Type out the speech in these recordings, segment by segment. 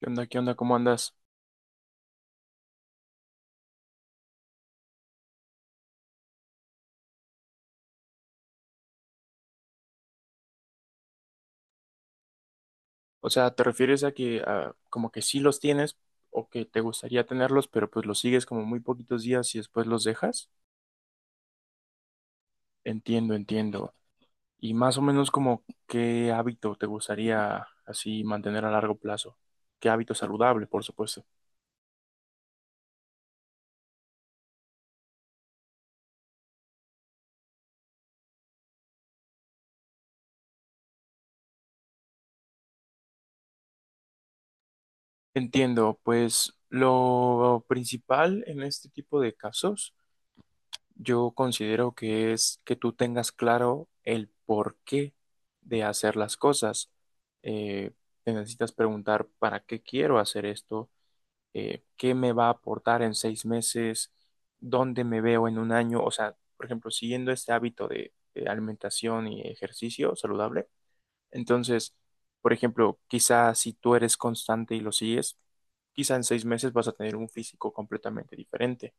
¿Qué onda? ¿Qué onda? ¿Cómo andas? O sea, ¿te refieres a que a, como que sí los tienes o que te gustaría tenerlos, pero pues los sigues como muy poquitos días y después los dejas? Entiendo, entiendo. Y más o menos como qué hábito te gustaría así mantener a largo plazo. ¿Qué hábito saludable, por supuesto? Entiendo, pues lo principal en este tipo de casos yo considero que es que tú tengas claro el porqué de hacer las cosas. Eh, Te necesitas preguntar para qué quiero hacer esto, qué me va a aportar en 6 meses, dónde me veo en un año. O sea, por ejemplo, siguiendo este hábito de alimentación y ejercicio saludable. Entonces, por ejemplo, quizá si tú eres constante y lo sigues, quizá en 6 meses vas a tener un físico completamente diferente.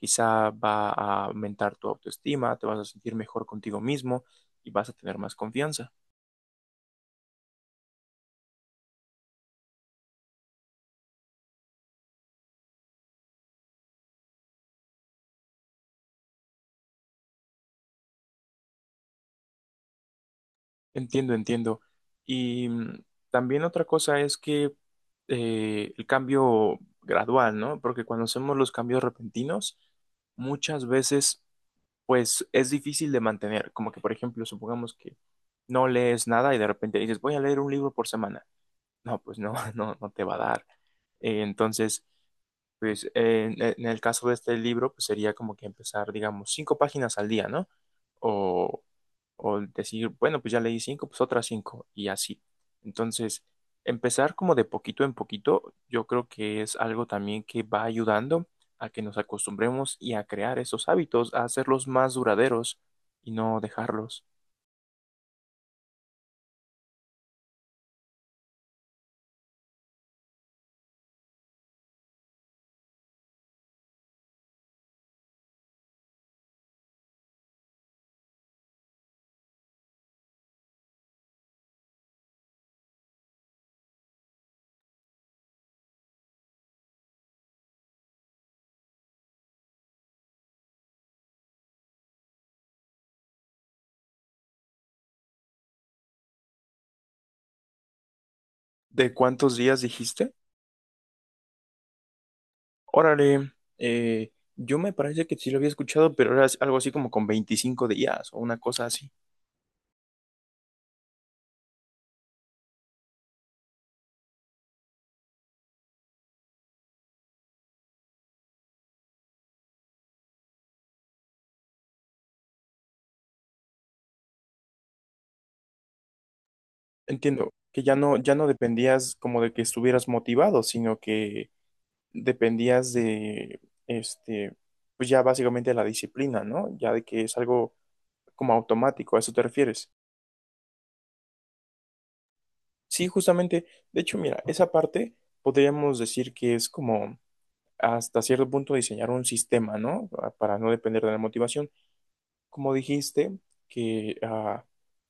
Quizá va a aumentar tu autoestima, te vas a sentir mejor contigo mismo y vas a tener más confianza. Entiendo, entiendo. Y también otra cosa es que el cambio gradual, ¿no? Porque cuando hacemos los cambios repentinos, muchas veces, pues es difícil de mantener. Como que, por ejemplo, supongamos que no lees nada y de repente dices, voy a leer un libro por semana. No, pues no, no te va a dar. Entonces, pues en el caso de este libro, pues sería como que empezar, digamos, 5 páginas al día, ¿no? O, o decir, bueno, pues ya leí cinco, pues otras cinco, y así. Entonces, empezar como de poquito en poquito, yo creo que es algo también que va ayudando a que nos acostumbremos y a crear esos hábitos, a hacerlos más duraderos y no dejarlos. ¿De cuántos días dijiste? Órale, yo me parece que sí lo había escuchado, pero era algo así como con 25 días o una cosa así. Entiendo que ya no dependías como de que estuvieras motivado, sino que dependías de, este, pues ya básicamente la disciplina, ¿no? Ya de que es algo como automático, ¿a eso te refieres? Sí, justamente, de hecho, mira, esa parte podríamos decir que es como hasta cierto punto diseñar un sistema, ¿no? Para no depender de la motivación, como dijiste, que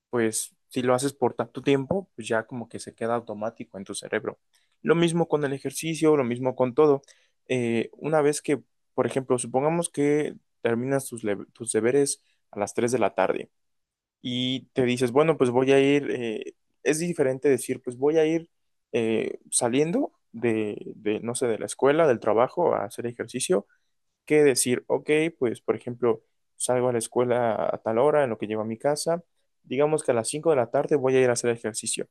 pues si lo haces por tanto tiempo, pues ya como que se queda automático en tu cerebro. Lo mismo con el ejercicio, lo mismo con todo. Una vez que, por ejemplo, supongamos que terminas tus, tus deberes a las 3 de la tarde y te dices, bueno, pues voy a ir, es diferente decir, pues voy a ir saliendo de, no sé, de la escuela, del trabajo, a hacer ejercicio que decir, ok, pues por ejemplo, salgo a la escuela a tal hora, en lo que llego a mi casa, digamos que a las 5 de la tarde voy a ir a hacer ejercicio.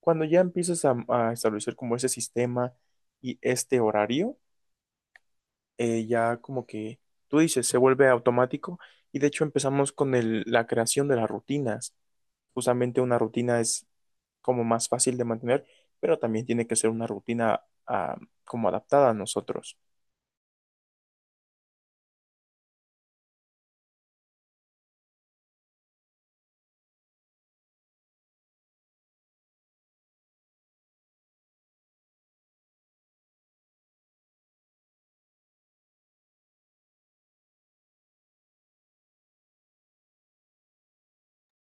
Cuando ya empiezas a establecer como ese sistema y este horario, ya como que tú dices, se vuelve automático y de hecho empezamos con la creación de las rutinas. Justamente una rutina es como más fácil de mantener, pero también tiene que ser una rutina como adaptada a nosotros.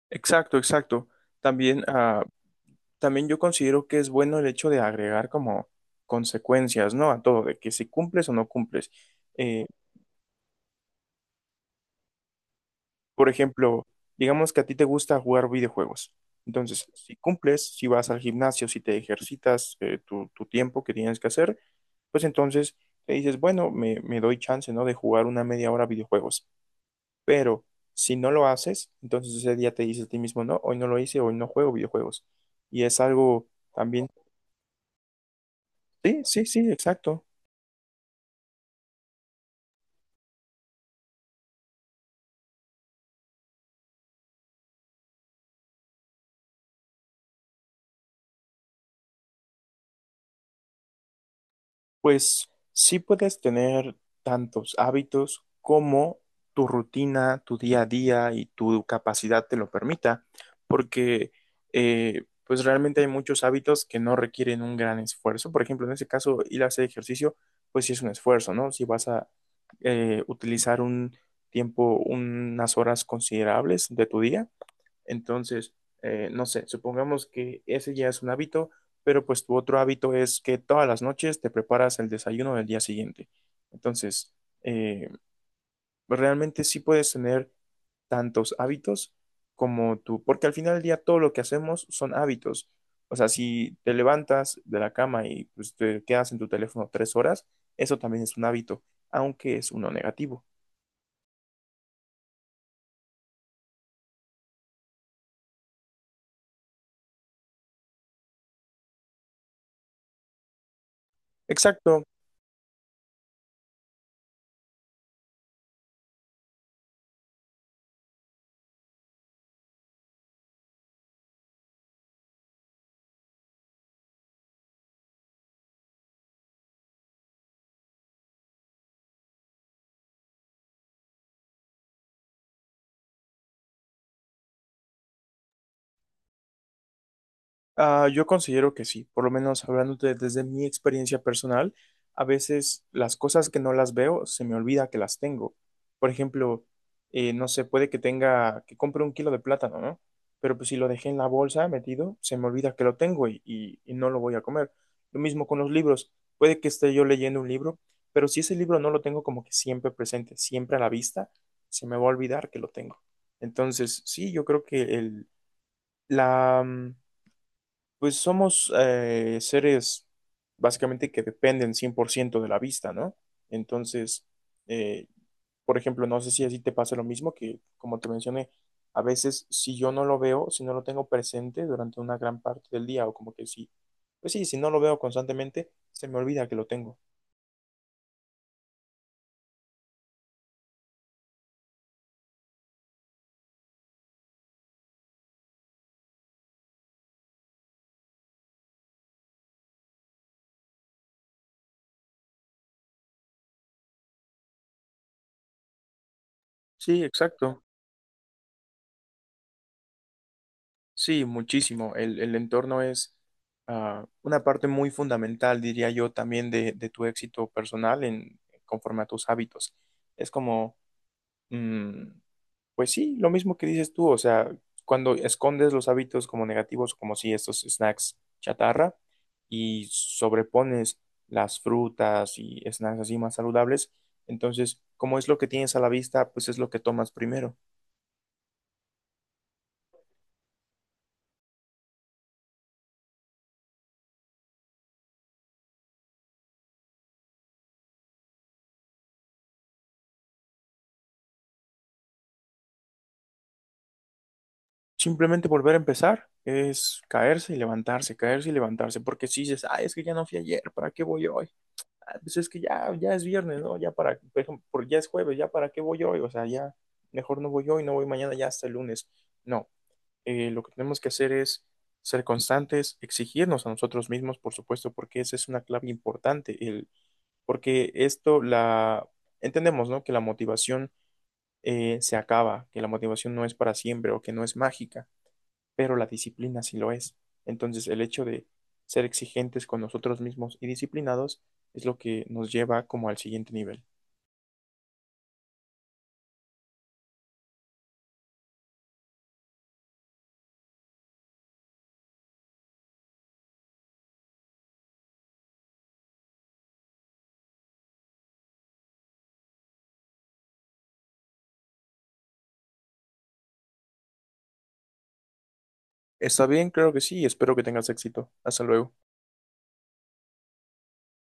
Exacto, exacto. También ah, También yo considero que es bueno el hecho de agregar como consecuencias, ¿no? A todo, de que si cumples o no cumples. Eh, por ejemplo, digamos que a ti te gusta jugar videojuegos. Entonces, si cumples, si vas al gimnasio, si te ejercitas tu tiempo que tienes que hacer, pues entonces te dices, bueno, me doy chance, ¿no? De jugar una media hora videojuegos. Pero si no lo haces, entonces ese día te dices a ti mismo, no, hoy no lo hice, hoy no juego videojuegos. Y es algo también, sí, sí, sí, exacto. Pues sí puedes tener tantos hábitos como tu rutina, tu día a día y tu capacidad te lo permita, porque pues realmente hay muchos hábitos que no requieren un gran esfuerzo. Por ejemplo, en ese caso, ir a hacer ejercicio, pues sí es un esfuerzo, ¿no? Si vas a utilizar un tiempo, unas horas considerables de tu día, entonces, no sé, supongamos que ese ya es un hábito, pero pues tu otro hábito es que todas las noches te preparas el desayuno del día siguiente. Entonces, eh, realmente sí puedes tener tantos hábitos como tú, porque al final del día todo lo que hacemos son hábitos. O sea, si te levantas de la cama y pues, te quedas en tu teléfono 3 horas, eso también es un hábito, aunque es uno negativo. Exacto. Yo considero que sí, por lo menos hablando desde mi experiencia personal, a veces las cosas que no las veo se me olvida que las tengo. Por ejemplo, no sé, puede que tenga, que compre un kilo de plátano, ¿no? Pero pues si lo dejé en la bolsa metido, se me olvida que lo tengo y no lo voy a comer. Lo mismo con los libros, puede que esté yo leyendo un libro, pero si ese libro no lo tengo como que siempre presente, siempre a la vista, se me va a olvidar que lo tengo. Entonces, sí, yo creo que la, pues somos seres básicamente que dependen 100% de la vista, ¿no? Entonces, eh, por ejemplo, no sé si así te pasa lo mismo, que como te mencioné, a veces si yo no lo veo, si no lo tengo presente durante una gran parte del día, o como que sí, pues sí, si no lo veo constantemente, se me olvida que lo tengo. Sí, exacto. Sí, muchísimo. El entorno es una parte muy fundamental, diría yo, también de tu éxito personal en, conforme a tus hábitos. Es como Mm, Pues sí, lo mismo que dices tú, o sea, cuando escondes los hábitos como negativos, como si estos snacks chatarra, y sobrepones las frutas y snacks así más saludables, entonces, como es lo que tienes a la vista, pues es lo que tomas primero. Simplemente volver a empezar es caerse y levantarse, porque si dices, ah, es que ya no fui ayer, ¿para qué voy hoy? Ah, pues es que ya es viernes, ¿no? Ya para, por ejemplo, ya es jueves, ya para qué voy hoy, o sea, ya mejor no voy hoy, no voy mañana, ya hasta el lunes. No, lo que tenemos que hacer es ser constantes, exigirnos a nosotros mismos, por supuesto, porque esa es una clave importante, el, porque esto la, entendemos, ¿no? Que la motivación se acaba, que la motivación no es para siempre o que no es mágica, pero la disciplina sí lo es. Entonces, el hecho de ser exigentes con nosotros mismos y disciplinados es lo que nos lleva como al siguiente nivel. ¿Está bien? Creo que sí. Espero que tengas éxito. Hasta luego.